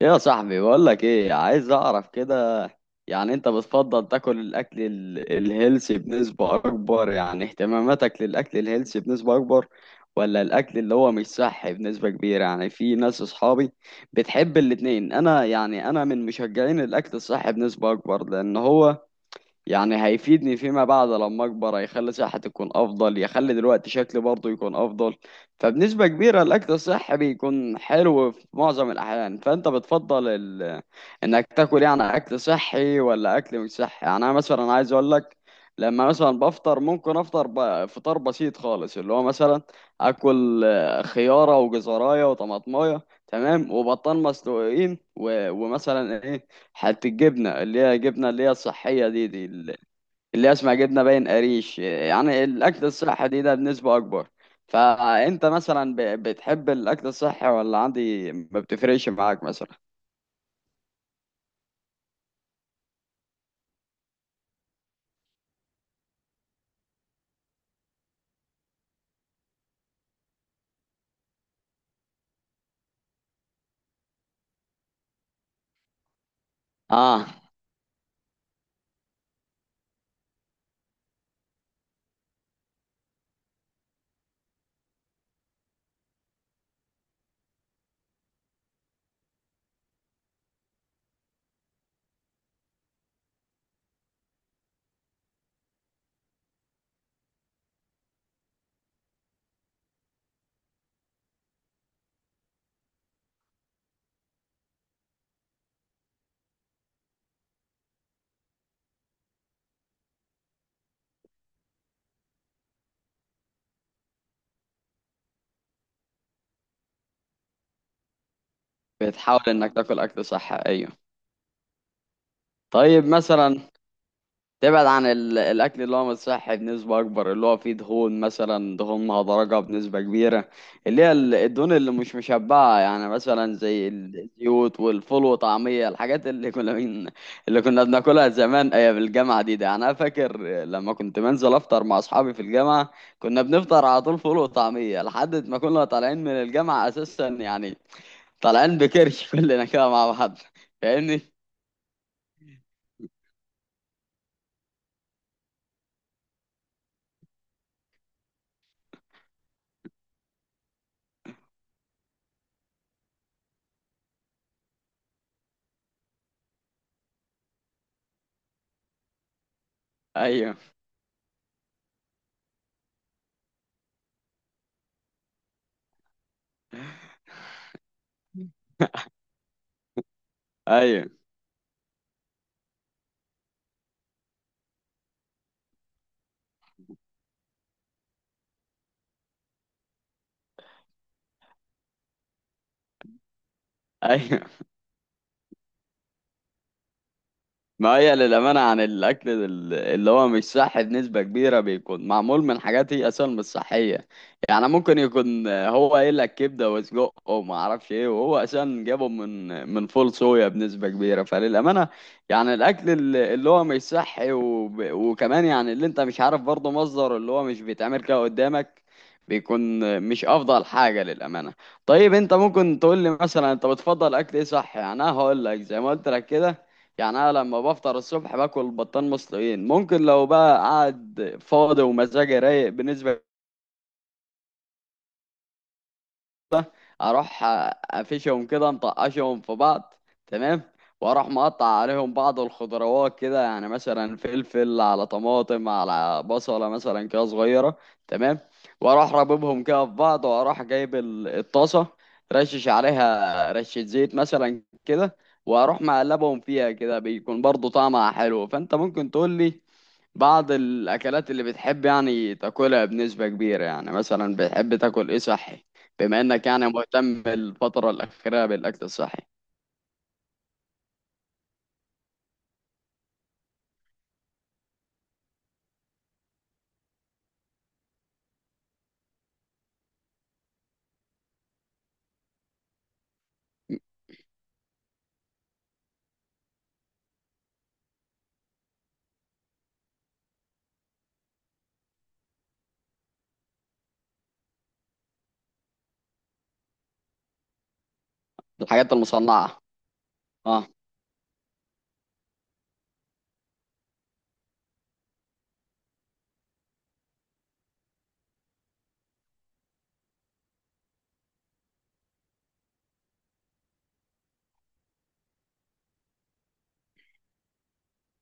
يا صاحبي بقول لك ايه عايز اعرف كده. يعني انت بتفضل تاكل الاكل الهيلثي بنسبة اكبر؟ يعني اهتماماتك للاكل الهيلثي بنسبة اكبر ولا الاكل اللي هو مش صحي بنسبة كبيرة؟ يعني في ناس اصحابي بتحب الاتنين. انا يعني انا من مشجعين الاكل الصحي بنسبة اكبر، لان هو يعني هيفيدني فيما بعد لما اكبر، هيخلي صحتي تكون افضل، يخلي دلوقتي شكلي برضه يكون افضل. فبنسبة كبيرة الاكل الصحي بيكون حلو في معظم الاحيان. فانت بتفضل انك تاكل يعني اكل صحي ولا اكل مش صحي؟ يعني انا مثلا عايز اقول لك، لما مثلا بفطر ممكن افطر فطار بسيط خالص، اللي هو مثلا اكل خيارة وجزراية وطماطماية، تمام، وبطان مسلوقين ومثلا ايه، حتى الجبنة اللي هي جبنة اللي هي الصحية دي اللي هي اسمها جبنة باين قريش، يعني الأكل الصحي ده بنسبة أكبر. فأنت مثلا بتحب الأكل الصحي ولا عندي ما بتفرقش معاك مثلا؟ آه، بتحاول إنك تاكل أكل صحي، أيوه. طيب مثلا تبعد عن الاكل اللي هو مش صحي بنسبه اكبر، اللي هو فيه دهون، مثلا دهون مهدرجه بنسبه كبيره، اللي هي الدهون اللي مش مشبعه، يعني مثلا زي الزيوت والفول وطعميه، الحاجات اللي كنا من اللي كنا بناكلها زمان ايام الجامعه دي. يعني انا فاكر لما كنت بنزل افطر مع اصحابي في الجامعه، كنا بنفطر على طول فول وطعميه لحد ما كنا طالعين من الجامعه اساسا، يعني طالعين بكرش كلنا كده مع بعض. فاهمني؟ ايوه، ايوه، ايوه. ما هي للأمانة عن الأكل اللي هو مش صحي بنسبة كبيرة بيكون معمول من حاجات هي أصلا مش صحية. يعني ممكن يكون هو قايل لك كبدة وسجق وما أعرفش إيه، وهو أصلا جابه من فول صويا بنسبة كبيرة. فللأمانة يعني الأكل اللي هو مش صحي، وكمان يعني اللي أنت مش عارف برضه مصدره، اللي هو مش بيتعمل كده قدامك، بيكون مش أفضل حاجة للأمانة. طيب أنت ممكن تقول لي مثلا أنت بتفضل أكل إيه صحي؟ يعني أنا هقول لك زي ما قلت لك كده، يعني انا لما بفطر الصبح باكل بطان مسلوقين. ممكن لو بقى قاعد فاضي ومزاجي رايق بالنسبه اروح افشهم كده، مطقشهم في بعض، تمام، واروح مقطع عليهم بعض الخضروات كده، يعني مثلا فلفل على طماطم على بصله مثلا كده صغيره، تمام، واروح راببهم كده في بعض، واروح جايب الطاسه، رشش عليها رشه زيت مثلا كده، واروح مقلبهم فيها كده، بيكون برضو طعمها حلو. فانت ممكن تقول لي بعض الأكلات اللي بتحب يعني تاكلها بنسبة كبيرة؟ يعني مثلا بتحب تاكل إيه صحي، بما إنك يعني مهتم الفترة الأخيرة بالأكل الصحي؟ الحاجات المصنعة. اه.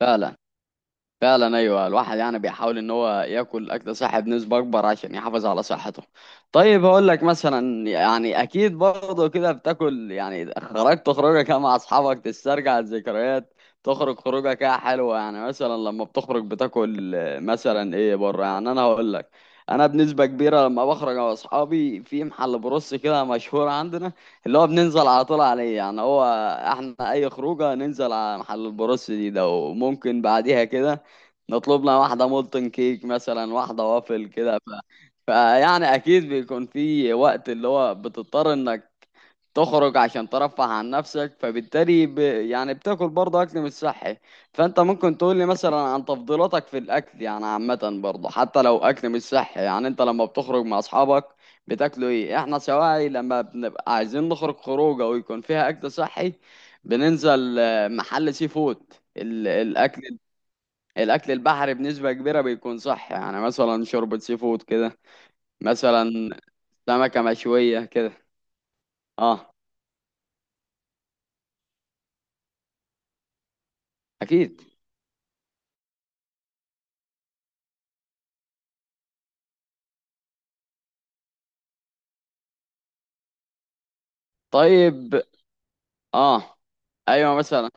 فعلا، فعلا، ايوه، الواحد يعني بيحاول ان هو ياكل اكل صحي بنسبه اكبر عشان يحافظ على صحته. طيب هقول لك مثلا، يعني اكيد برضه كده بتاكل، يعني خرجت خروجه كده مع اصحابك تسترجع الذكريات، تخرج خروجه كده حلوه، يعني مثلا لما بتخرج بتاكل مثلا ايه بره؟ يعني انا هقول لك، انا بنسبه كبيره لما بخرج مع اصحابي في محل بروس كده مشهور عندنا، اللي هو بننزل على طول عليه، يعني هو احنا اي خروجه ننزل على محل البروس ده، وممكن بعديها كده نطلب لنا واحدة مولتن كيك مثلا، واحدة وافل كده، فيعني أكيد بيكون في وقت اللي هو بتضطر إنك تخرج عشان ترفه عن نفسك، فبالتالي يعني بتاكل برضه أكل مش صحي. فأنت ممكن تقول لي مثلا عن تفضيلاتك في الأكل يعني عامة برضه، حتى لو أكل مش صحي؟ يعني أنت لما بتخرج مع أصحابك بتاكلوا إيه؟ إحنا سواعي لما بنبقى عايزين نخرج خروجة ويكون فيها أكل صحي بننزل محل سي فود. الأكل الاكل البحري بنسبه كبيره بيكون صح، يعني مثلا شوربه سي فود كده، مثلا سمكه مشويه كده. اه. اكيد. طيب. اه. ايوه مثلا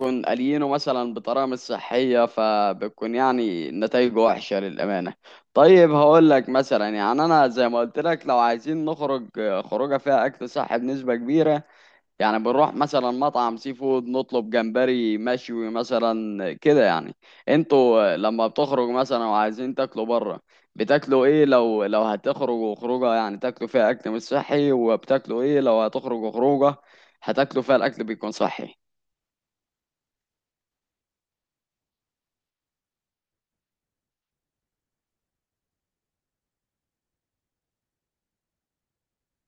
يكون قليينه مثلا بطريقه مش صحيه، فبتكون يعني نتائجه وحشه للامانه. طيب هقول لك مثلا، يعني انا زي ما قلت لك، لو عايزين نخرج خروجه فيها اكل صح بنسبه كبيره، يعني بنروح مثلا مطعم سي فود نطلب جمبري مشوي مثلا كده. يعني انتوا لما بتخرجوا مثلا وعايزين تاكلوا بره بتاكلوا ايه؟ لو هتخرجوا خروجه يعني تاكلوا فيها اكل مش صحي، وبتاكلوا ايه لو هتخرجوا خروجه هتاكلوا فيها الاكل بيكون صحي؟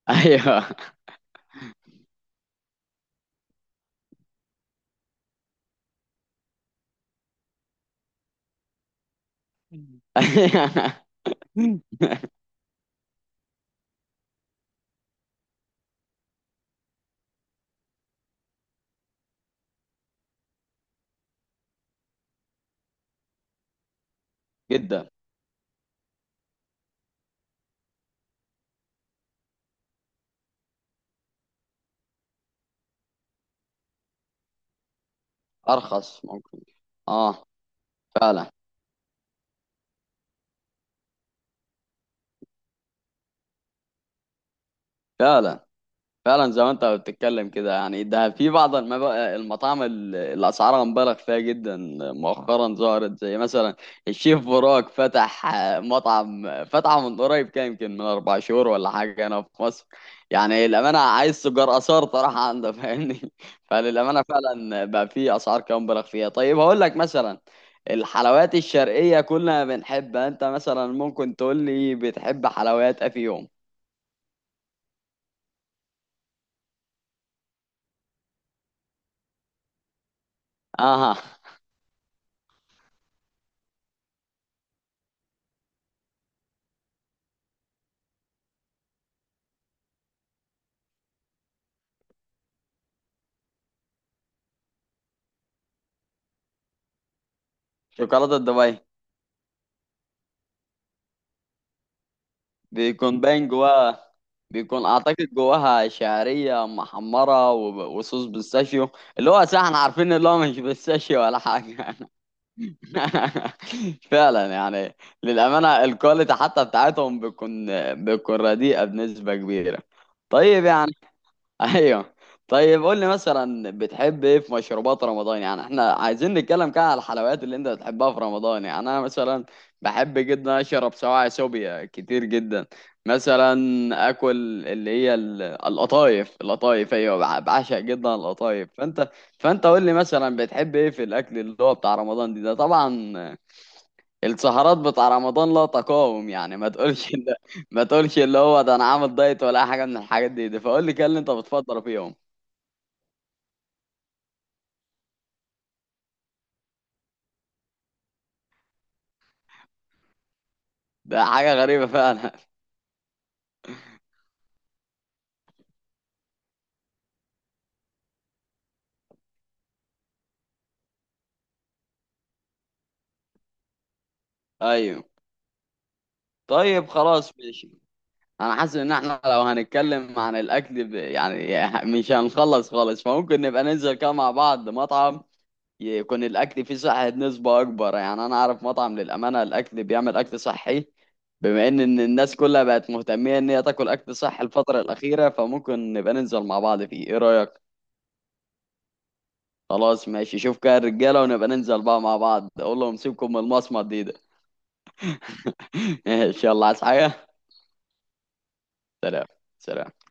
ايوه. جدا. ارخص ممكن. اه، فعلا، فعلا. فعلا زي ما انت بتتكلم كده، يعني ده في بعض المطاعم اللي اسعارها مبالغ فيها جدا، مؤخرا ظهرت، زي مثلا الشيف براك فتح مطعم، فتحه من قريب، كان يمكن من اربع شهور ولا حاجه هنا في مصر. يعني الامانه عايز سجار اثار طرح عنده، فاهمني؟ فللامانه فعلا بقى في اسعار كده مبالغ فيها. طيب هقول لك مثلا الحلويات الشرقيه كلنا بنحبها، انت مثلا ممكن تقول لي بتحب حلويات أه في يوم؟ اها. شوكولاته دبي، بيكون باين جواها، بيكون اعتقد جواها شعريه محمره وصوص بيستاشيو، اللي هو صح احنا عارفين اللي هو مش بيستاشيو ولا حاجه. فعلا يعني، للامانه الكواليتي حتى بتاعتهم بيكون بيكون رديئه بنسبه كبيره. طيب يعني، ايوه، طيب قول لي مثلا بتحب ايه في مشروبات رمضان؟ يعني احنا عايزين نتكلم كده على الحلويات اللي انت بتحبها في رمضان. يعني انا مثلا بحب جدا اشرب سواعي سوبيا كتير جدا، مثلا اكل اللي هي القطايف، القطايف ايوه، بعشق جدا القطايف. فانت فانت قول لي مثلا بتحب ايه في الاكل اللي هو بتاع رمضان ده؟ طبعا السهرات بتاع رمضان لا تقاوم، يعني ما تقولش ان، ما تقولش اللي هو ده انا عامل دايت ولا أي حاجه من الحاجات دي, فقول لي كده اللي انت بتفضل فيهم. ده حاجة غريبة فعلا. ايوه. طيب خلاص ماشي. انا حاسس ان احنا لو هنتكلم عن الاكل يعني مش هنخلص خالص، فممكن نبقى ننزل كده مع بعض مطعم يكون الاكل فيه صحة نسبة اكبر. يعني انا اعرف مطعم للامانة الاكل بيعمل اكل صحي، بما ان إن الناس كلها بقت مهتمية ان هي تاكل اكل صحي الفترة الاخيرة، فممكن نبقى ننزل مع بعض فيه، ايه رأيك؟ خلاص ماشي، شوف كده الرجالة ونبقى ننزل بقى مع بعض، اقول لهم سيبكم من المصمت ده. ان شاء الله. عايز حاجة؟ سلام. سلام.